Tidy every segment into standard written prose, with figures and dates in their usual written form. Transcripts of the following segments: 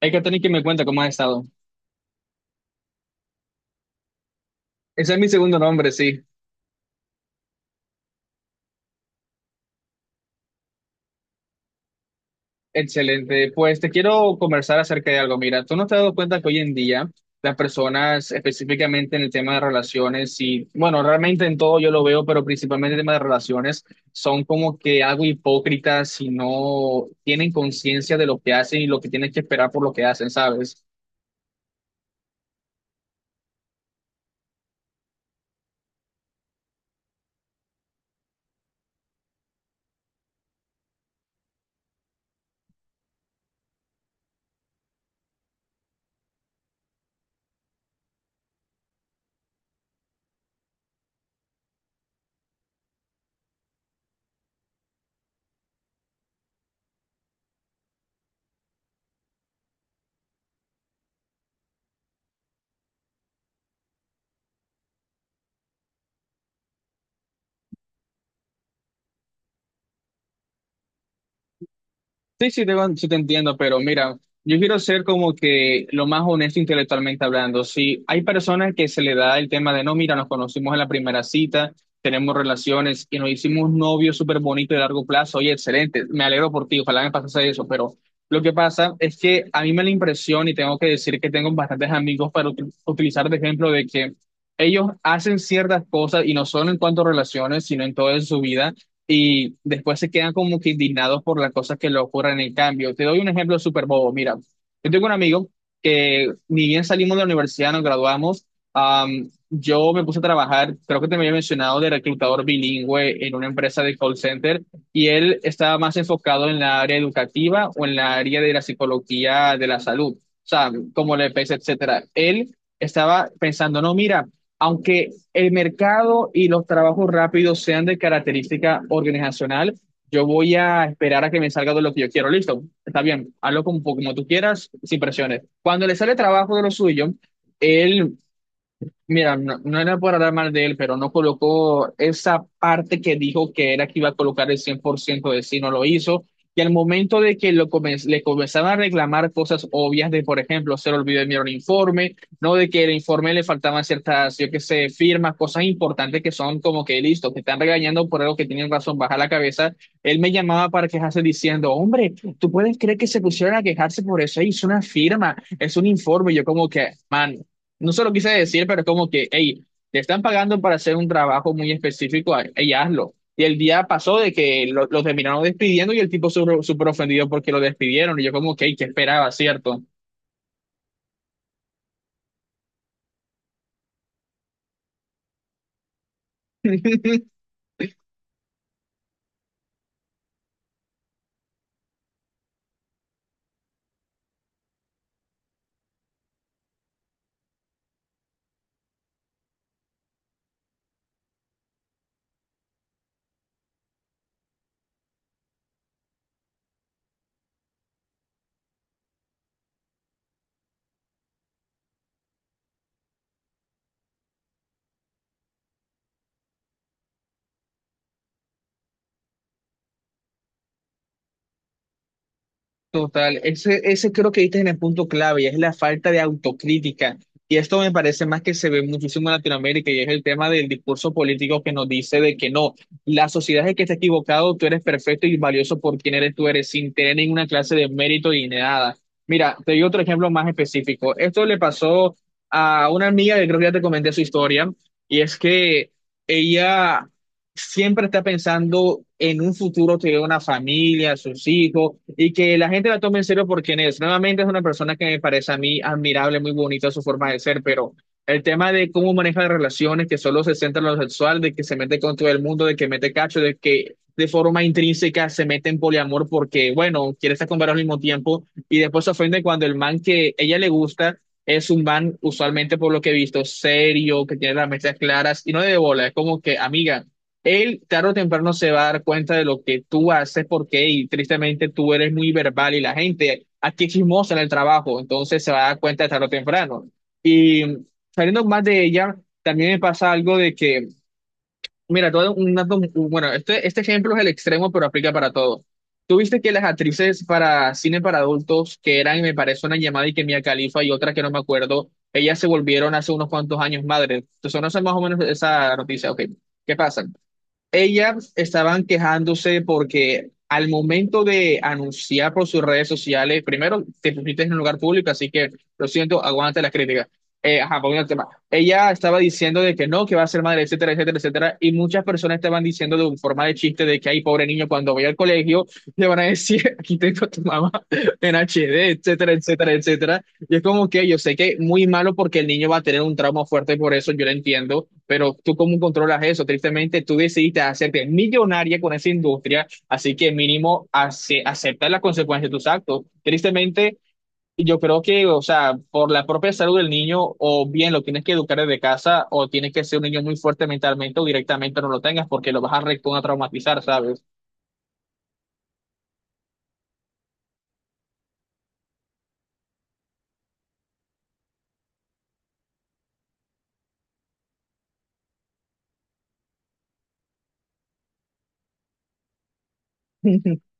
Hay que tener que me cuenta cómo has estado. Ese es mi segundo nombre, sí. Excelente. Pues te quiero conversar acerca de algo. Mira, tú no te has dado cuenta que hoy en día las personas, específicamente en el tema de relaciones, y bueno, realmente en todo yo lo veo, pero principalmente en el tema de relaciones, son como que algo hipócritas y no tienen conciencia de lo que hacen y lo que tienen que esperar por lo que hacen, ¿sabes? Sí, te entiendo, pero mira, yo quiero ser como que lo más honesto intelectualmente hablando. Si hay personas que se le da el tema de, no, mira, nos conocimos en la primera cita, tenemos relaciones y nos hicimos novios súper bonitos de largo plazo, oye, excelente, me alegro por ti, ojalá me pasase eso, pero lo que pasa es que a mí me da la impresión y tengo que decir que tengo bastantes amigos para utilizar de ejemplo de que ellos hacen ciertas cosas y no solo en cuanto a relaciones, sino en toda su vida y después se quedan como que indignados por las cosas que le ocurren en el cambio. Te doy un ejemplo súper bobo. Mira, yo tengo un amigo que ni bien salimos de la universidad, nos graduamos, yo me puse a trabajar, creo que te me había mencionado, de reclutador bilingüe en una empresa de call center y él estaba más enfocado en la área educativa o en la área de la psicología de la salud, o sea, como la EPS, etcétera. Él estaba pensando, no, mira, aunque el mercado y los trabajos rápidos sean de característica organizacional, yo voy a esperar a que me salga de lo que yo quiero. Listo, está bien, hazlo como, como tú quieras, sin presiones. Cuando le sale trabajo de lo suyo, él. Mira, no, no era por hablar mal de él, pero no colocó esa parte que dijo que era que iba a colocar el 100% de sí, no lo hizo. Y al momento de que lo le comenzaban a reclamar cosas obvias de, por ejemplo, se le olvidó enviar un informe, no de que el informe le faltaban ciertas, yo qué sé, firmas, cosas importantes que son como que listo, te están regañando por algo que tienen razón, baja la cabeza. Él me llamaba para quejarse diciendo, hombre, ¿tú puedes creer que se pusieron a quejarse por eso? Es una firma, es un informe. Y yo como que, man, no se lo quise decir, pero es como que, hey, te están pagando para hacer un trabajo muy específico, hey, hazlo. Y el día pasó de que lo terminaron despidiendo y el tipo súper súper ofendido porque lo despidieron. Y yo como, ok, ¿qué esperaba, cierto? Total, ese creo que diste en el punto clave y es la falta de autocrítica. Y esto me parece más que se ve muchísimo en Latinoamérica y es el tema del discurso político que nos dice de que no, la sociedad es el que está equivocado, tú eres perfecto y valioso por quien eres tú eres, sin tener ninguna clase de mérito y nada. Mira, te doy otro ejemplo más específico. Esto le pasó a una amiga que creo que ya te comenté su historia y es que ella siempre está pensando en un futuro, tener una familia, sus hijos, y que la gente la tome en serio por quien es. Nuevamente es una persona que me parece a mí admirable, muy bonita su forma de ser, pero el tema de cómo maneja las relaciones, que solo se centra en lo sexual, de que se mete con todo el mundo, de que mete cacho, de que de forma intrínseca se mete en poliamor porque, bueno, quiere estar con varios al mismo tiempo, y después se ofende cuando el man que ella le gusta... Es un man, usualmente por lo que he visto, serio, que tiene las metas claras y no de bola. Es como que, amiga, él tarde o temprano se va a dar cuenta de lo que tú haces porque y tristemente tú eres muy verbal y la gente aquí es chismosa en el trabajo, entonces se va a dar cuenta tarde o temprano. Y saliendo más de ella, también me pasa algo de que, mira, todo un dato, bueno, este ejemplo es el extremo, pero aplica para todo. Tú viste que las actrices para cine para adultos, que eran, me parece, una llamada y que Mia Khalifa y otra que no me acuerdo, ellas se volvieron hace unos cuantos años madres. Entonces, no sé más o menos esa noticia, ok. ¿Qué pasa? Ellas estaban quejándose porque al momento de anunciar por sus redes sociales, primero te pusiste en un lugar público, así que lo siento, aguanta las críticas. Ajá, volviendo al tema. Ella estaba diciendo de que no, que va a ser madre, etcétera, etcétera, etcétera, y muchas personas estaban diciendo de forma de chiste de que hay pobre niño cuando vaya al colegio le van a decir, aquí tengo a tu mamá en HD, etcétera, etcétera, etcétera. Y es como que yo sé que muy malo porque el niño va a tener un trauma fuerte por eso, yo lo entiendo, pero ¿tú cómo controlas eso? Tristemente, tú decidiste hacerte millonaria con esa industria, así que mínimo acepta las consecuencias de tus actos. Tristemente, yo creo que, o sea, por la propia salud del niño, o bien lo tienes que educar desde casa, o tienes que ser un niño muy fuerte mentalmente, o directamente no lo tengas porque lo vas a recontra traumatizar, ¿sabes?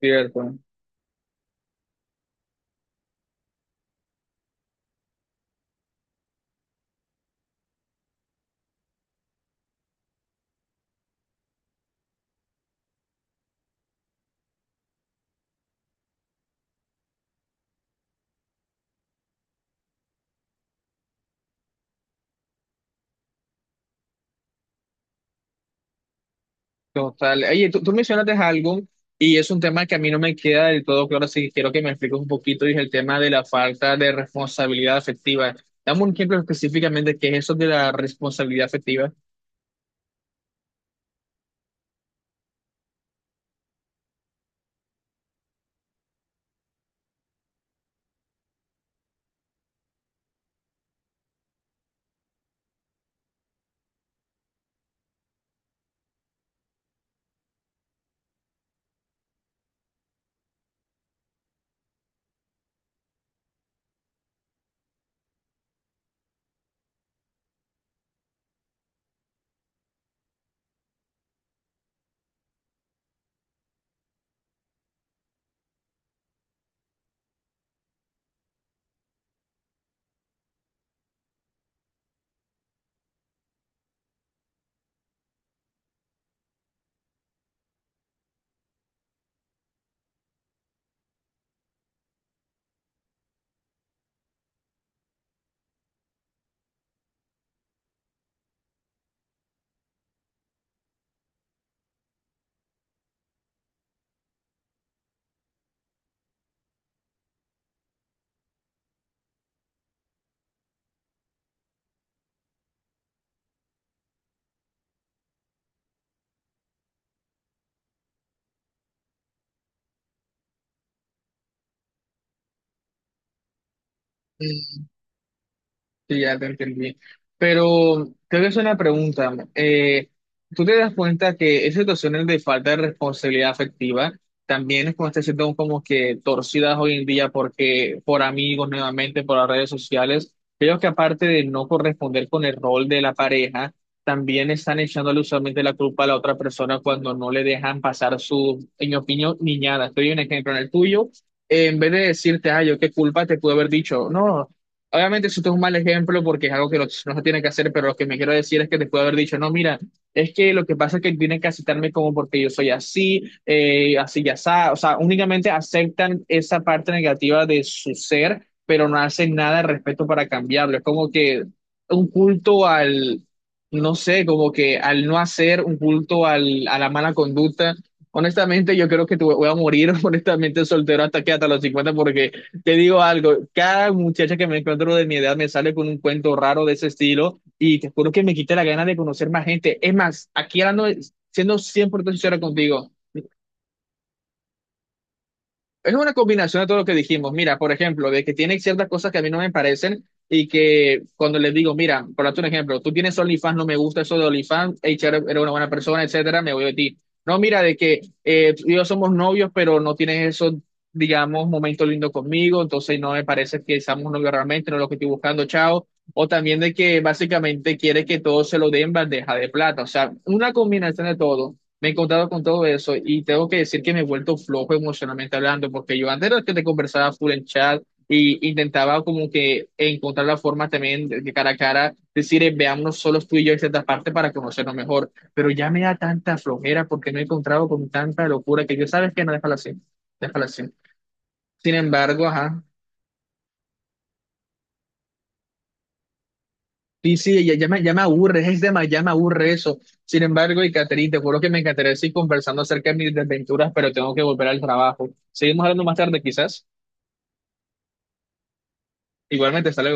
Cierto. Total. Oye, tú mencionaste algo y es un tema que a mí no me queda del todo claro, así que quiero que me expliques un poquito, y es el tema de la falta de responsabilidad afectiva. Dame un ejemplo específicamente qué es eso de la responsabilidad afectiva. Sí, ya te entendí. Pero te voy a hacer una pregunta. ¿Tú te das cuenta que esas situaciones de falta de responsabilidad afectiva también es como este siendo como que torcidas hoy en día porque por amigos nuevamente, por las redes sociales, creo que aparte de no corresponder con el rol de la pareja, también están echándole usualmente la culpa a la otra persona cuando no le dejan pasar su, en mi opinión, niñada? Estoy un ejemplo en el tuyo. En vez de decirte, ay, yo qué culpa te pude haber dicho, no. Obviamente, esto es un mal ejemplo porque es algo que no se tiene que hacer, pero lo que me quiero decir es que te puedo haber dicho, no, mira, es que lo que pasa es que tienen que aceptarme como porque yo soy así, así ya está. O sea, únicamente aceptan esa parte negativa de su ser, pero no hacen nada al respecto para cambiarlo. Es como que un culto al, no sé, como que al no hacer, un culto al, a la mala conducta. Honestamente, yo creo que te voy a morir, honestamente, soltero hasta los 50 porque te digo algo, cada muchacha que me encuentro de mi edad me sale con un cuento raro de ese estilo y te juro que me quita la gana de conocer más gente. Es más, aquí hablando, siendo cien por ciento sincero contigo, es una combinación de todo lo que dijimos. Mira, por ejemplo, de que tiene ciertas cosas que a mí no me parecen y que cuando les digo, mira, por darte un ejemplo, tú tienes OnlyFans, no me gusta eso de OnlyFans, hey, chévere, eres una buena persona, etcétera, me voy de ti. No, mira, de que tú y yo somos novios, pero no tienes esos, digamos, momentos lindos conmigo, entonces no me parece que seamos novios realmente, no es lo que estoy buscando, chao. O también de que básicamente quiere que todo se lo den bandeja de plata. O sea, una combinación de todo. Me he encontrado con todo eso y tengo que decir que me he vuelto flojo emocionalmente hablando, porque yo antes era el que te conversaba full en chat y intentaba como que encontrar la forma también de cara a cara, decir, veámonos solos tú y yo en cierta parte para conocernos mejor, pero ya me da tanta flojera porque me he encontrado con tanta locura que yo sabes que no, déjala así, déjala así. Sin embargo, ajá. Sí, sí, ya me aburre, es tema, ya me aburre eso. Sin embargo, y Caterina, te juro que me encantaría seguir conversando acerca de mis desventuras, pero tengo que volver al trabajo. Seguimos hablando más tarde, quizás. Igualmente, hasta luego.